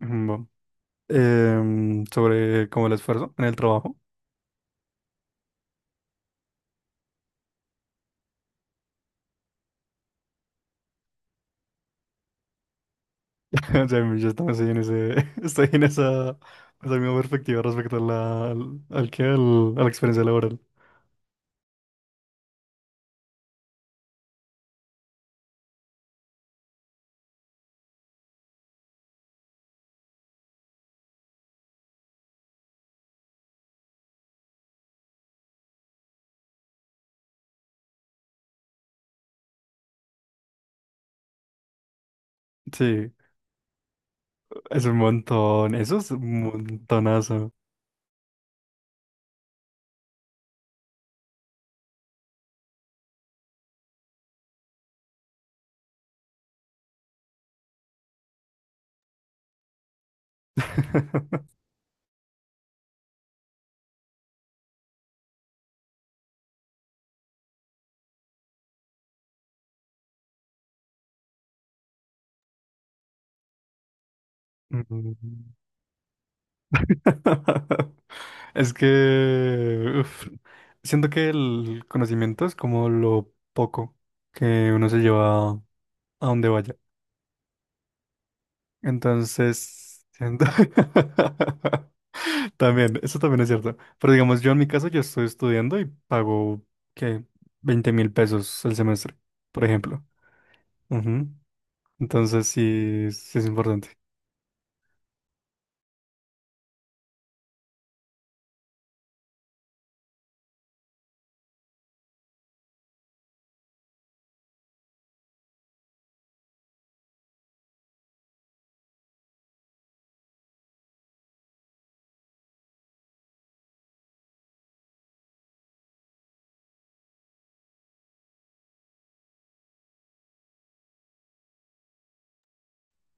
Bueno, sobre como el esfuerzo en el trabajo. O sea, yo también estoy en esa misma perspectiva respecto a la, al, al que al- a la experiencia laboral. Sí, es un montón, eso es un montonazo. Mm. Es que uf, siento que el conocimiento es como lo poco que uno se lleva a donde vaya. Entonces, también, eso también es cierto. Pero digamos, yo en mi caso, yo estoy estudiando y pago, ¿qué? 20.000 pesos el semestre, por ejemplo. Ujú. Entonces, sí, sí es importante.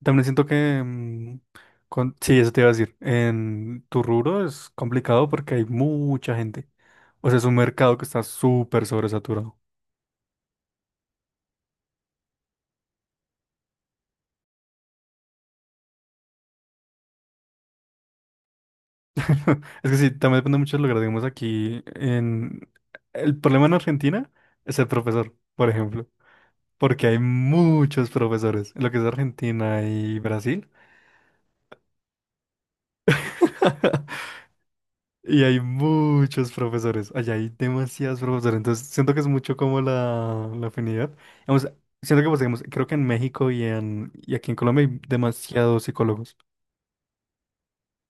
También siento que, sí, eso te iba a decir, en tu rubro es complicado porque hay mucha gente. O sea, es un mercado que está súper sobresaturado. Es que sí, también depende mucho de lo que hagamos aquí en. El problema en Argentina es el profesor, por ejemplo, porque hay muchos profesores, en lo que es Argentina y Brasil, y hay muchos profesores, allá hay demasiados profesores, entonces siento que es mucho como la afinidad. Vamos, siento que, pues, digamos, creo que en México y aquí en Colombia hay demasiados psicólogos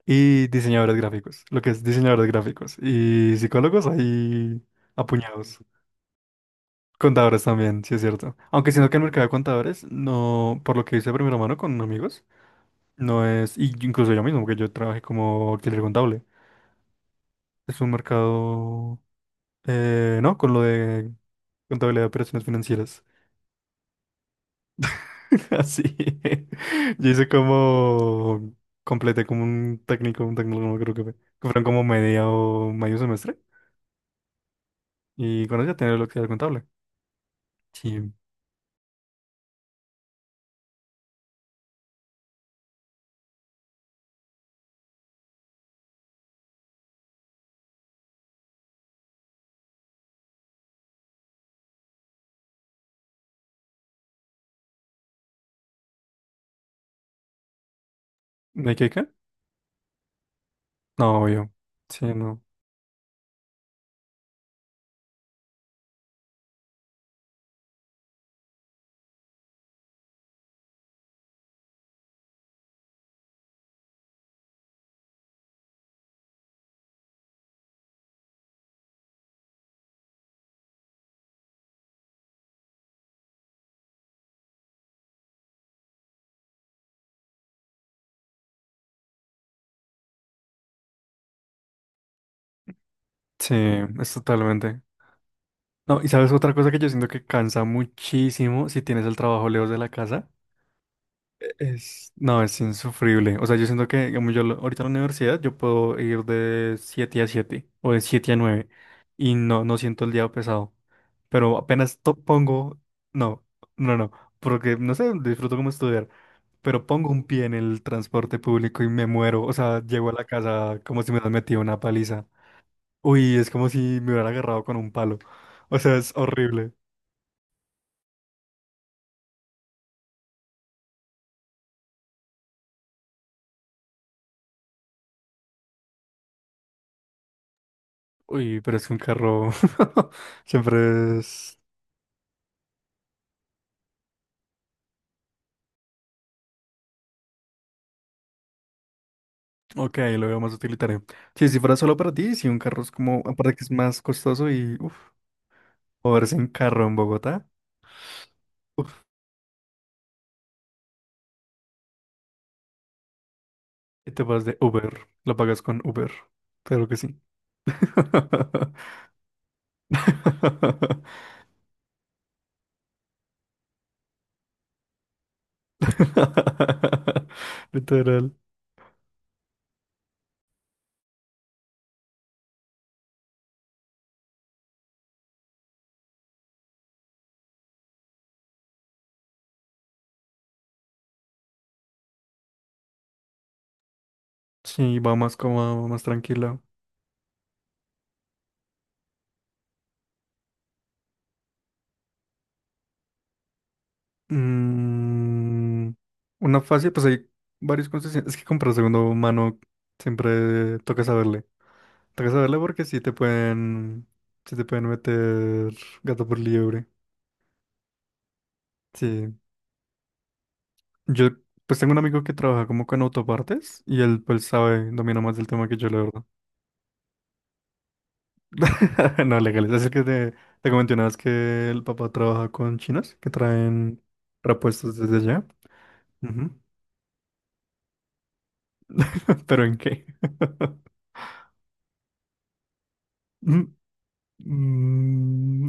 y diseñadores gráficos, lo que es diseñadores gráficos y psicólogos hay apuñados. Contadores también, sí es cierto. Aunque siento que el mercado de contadores, no, por lo que hice de primera mano con amigos, no es, y incluso yo mismo, porque yo trabajé como auxiliar contable. Es un mercado, ¿no? Con lo de contabilidad de operaciones financieras. Así. Yo hice como, completé como un técnico, no creo que fue. Que fueron como media o medio semestre. Y con eso ya tenía el auxiliar contable. Sí. ¿De qué qué? No, obvio. Sí, no. Sí, es totalmente. No, y sabes otra cosa que yo siento que cansa muchísimo si tienes el trabajo lejos de la casa. No, es insufrible. O sea, yo siento que, como ahorita en la universidad, yo puedo ir de 7 a 7 o de siete a 9 y no siento el día pesado. Pero apenas pongo, no, no, no, porque no sé, disfruto como estudiar, pero pongo un pie en el transporte público y me muero. O sea, llego a la casa como si me hubieran metido una paliza. Uy, es como si me hubieran agarrado con un palo. O sea, es horrible. Uy, pero es que un carro siempre es. Ok, lo veo más utilitario. Sí, si fuera solo para ti, si un carro es como, aparte que es más costoso y, uff, moverse en carro en Bogotá, uff, y te vas de Uber, lo pagas con Uber, claro que sí. Literal. Sí, va más cómodo, más tranquilo. Mm, una fácil, pues hay varios concesionarios. Es que comprar segundo mano siempre toca saberle. Tengo que saberle porque sí te pueden meter gato por liebre. Sí. Yo pues tengo un amigo que trabaja como con autopartes y él pues sabe, domina más del tema que yo, la verdad. No, legales. Es el que te comenté una vez que el papá trabaja con chinos que traen repuestos desde allá. Ujú. ¿Pero en qué? Mm.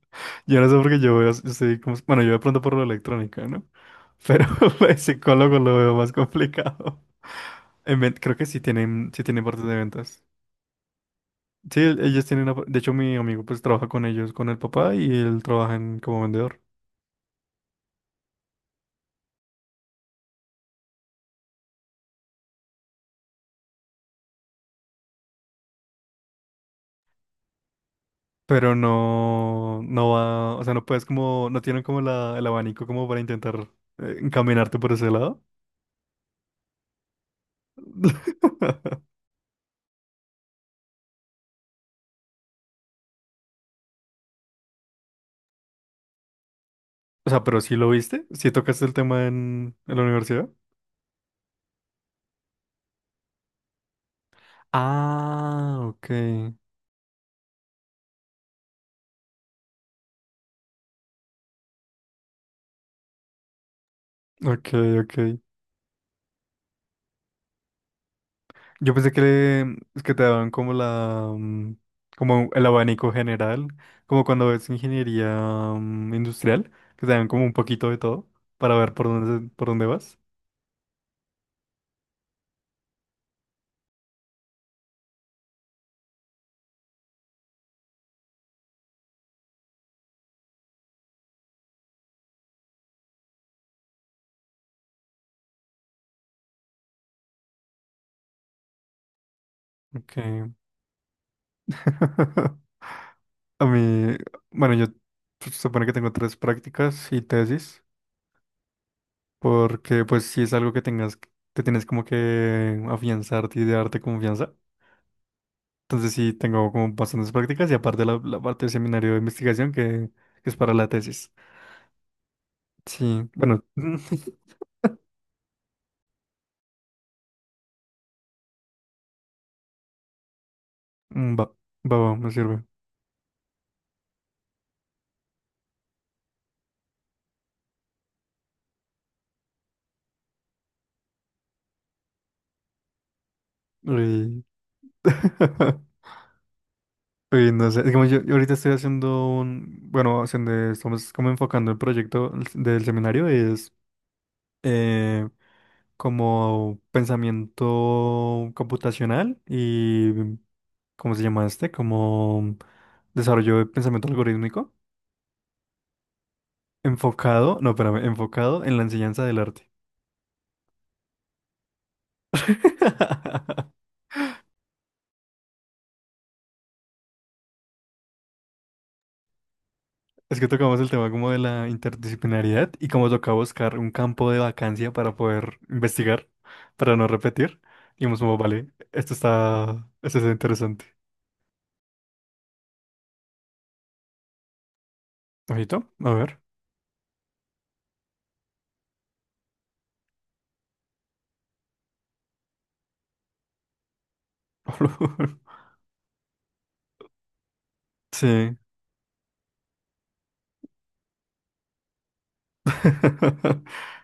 Yo no sé por qué yo veo, sí, como, bueno, yo de pronto por lo electrónica, ¿no? Pero el psicólogo lo veo más complicado. Creo que sí tienen partes de ventas. Sí, ellos tienen, de hecho mi amigo pues trabaja con ellos, con el papá y él trabaja como vendedor. Pero no, no va, o sea, no puedes como, no tienen como la, el abanico como para intentar encaminarte por ese lado. O sea, pero sí lo viste, sí tocaste el tema en la universidad. Ah, ok. Ok, ok. Yo pensé que, es que te daban como el abanico general, como cuando ves ingeniería industrial, que te dan como un poquito de todo para ver por dónde vas. Ok. A mí, bueno, yo se supone que tengo tres prácticas y tesis, porque pues si es algo que tengas, que tienes como que afianzarte y darte confianza. Entonces sí, tengo como bastantes prácticas y aparte la parte del seminario de investigación que es para la tesis. Sí, bueno, va, va, va, me sirve. Y. y no sé, es como yo ahorita estoy haciendo un, bueno, haciendo, estamos como enfocando el proyecto del seminario, es eh, como pensamiento computacional y, ¿cómo se llama este? Como desarrollo de pensamiento algorítmico. Enfocado, no, espérame, enfocado en la enseñanza del arte. Es que tocamos el tema como de la interdisciplinariedad y como toca buscar un campo de vacancia para poder investigar, para no repetir. Y hemos como, vale, esto está interesante. Ojito, a ver. Sí.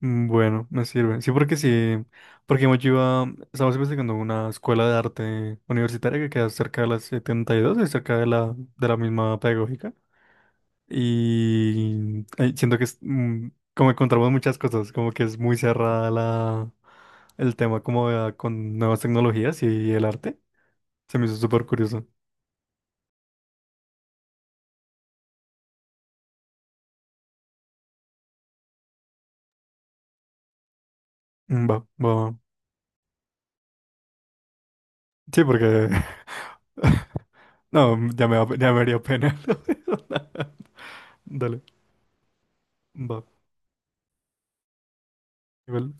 Bueno, me sirve. Sí, porque estamos investigando una escuela de arte universitaria que queda cerca de las 72 y dos y cerca de la misma pedagógica. Y siento que es, como encontramos muchas cosas, como que es muy cerrada la, el tema como con nuevas tecnologías y el arte. Se me hizo súper curioso. Mm, va, va, va. Sí, porque. No, ya me haría pena. Dale, va. Igual.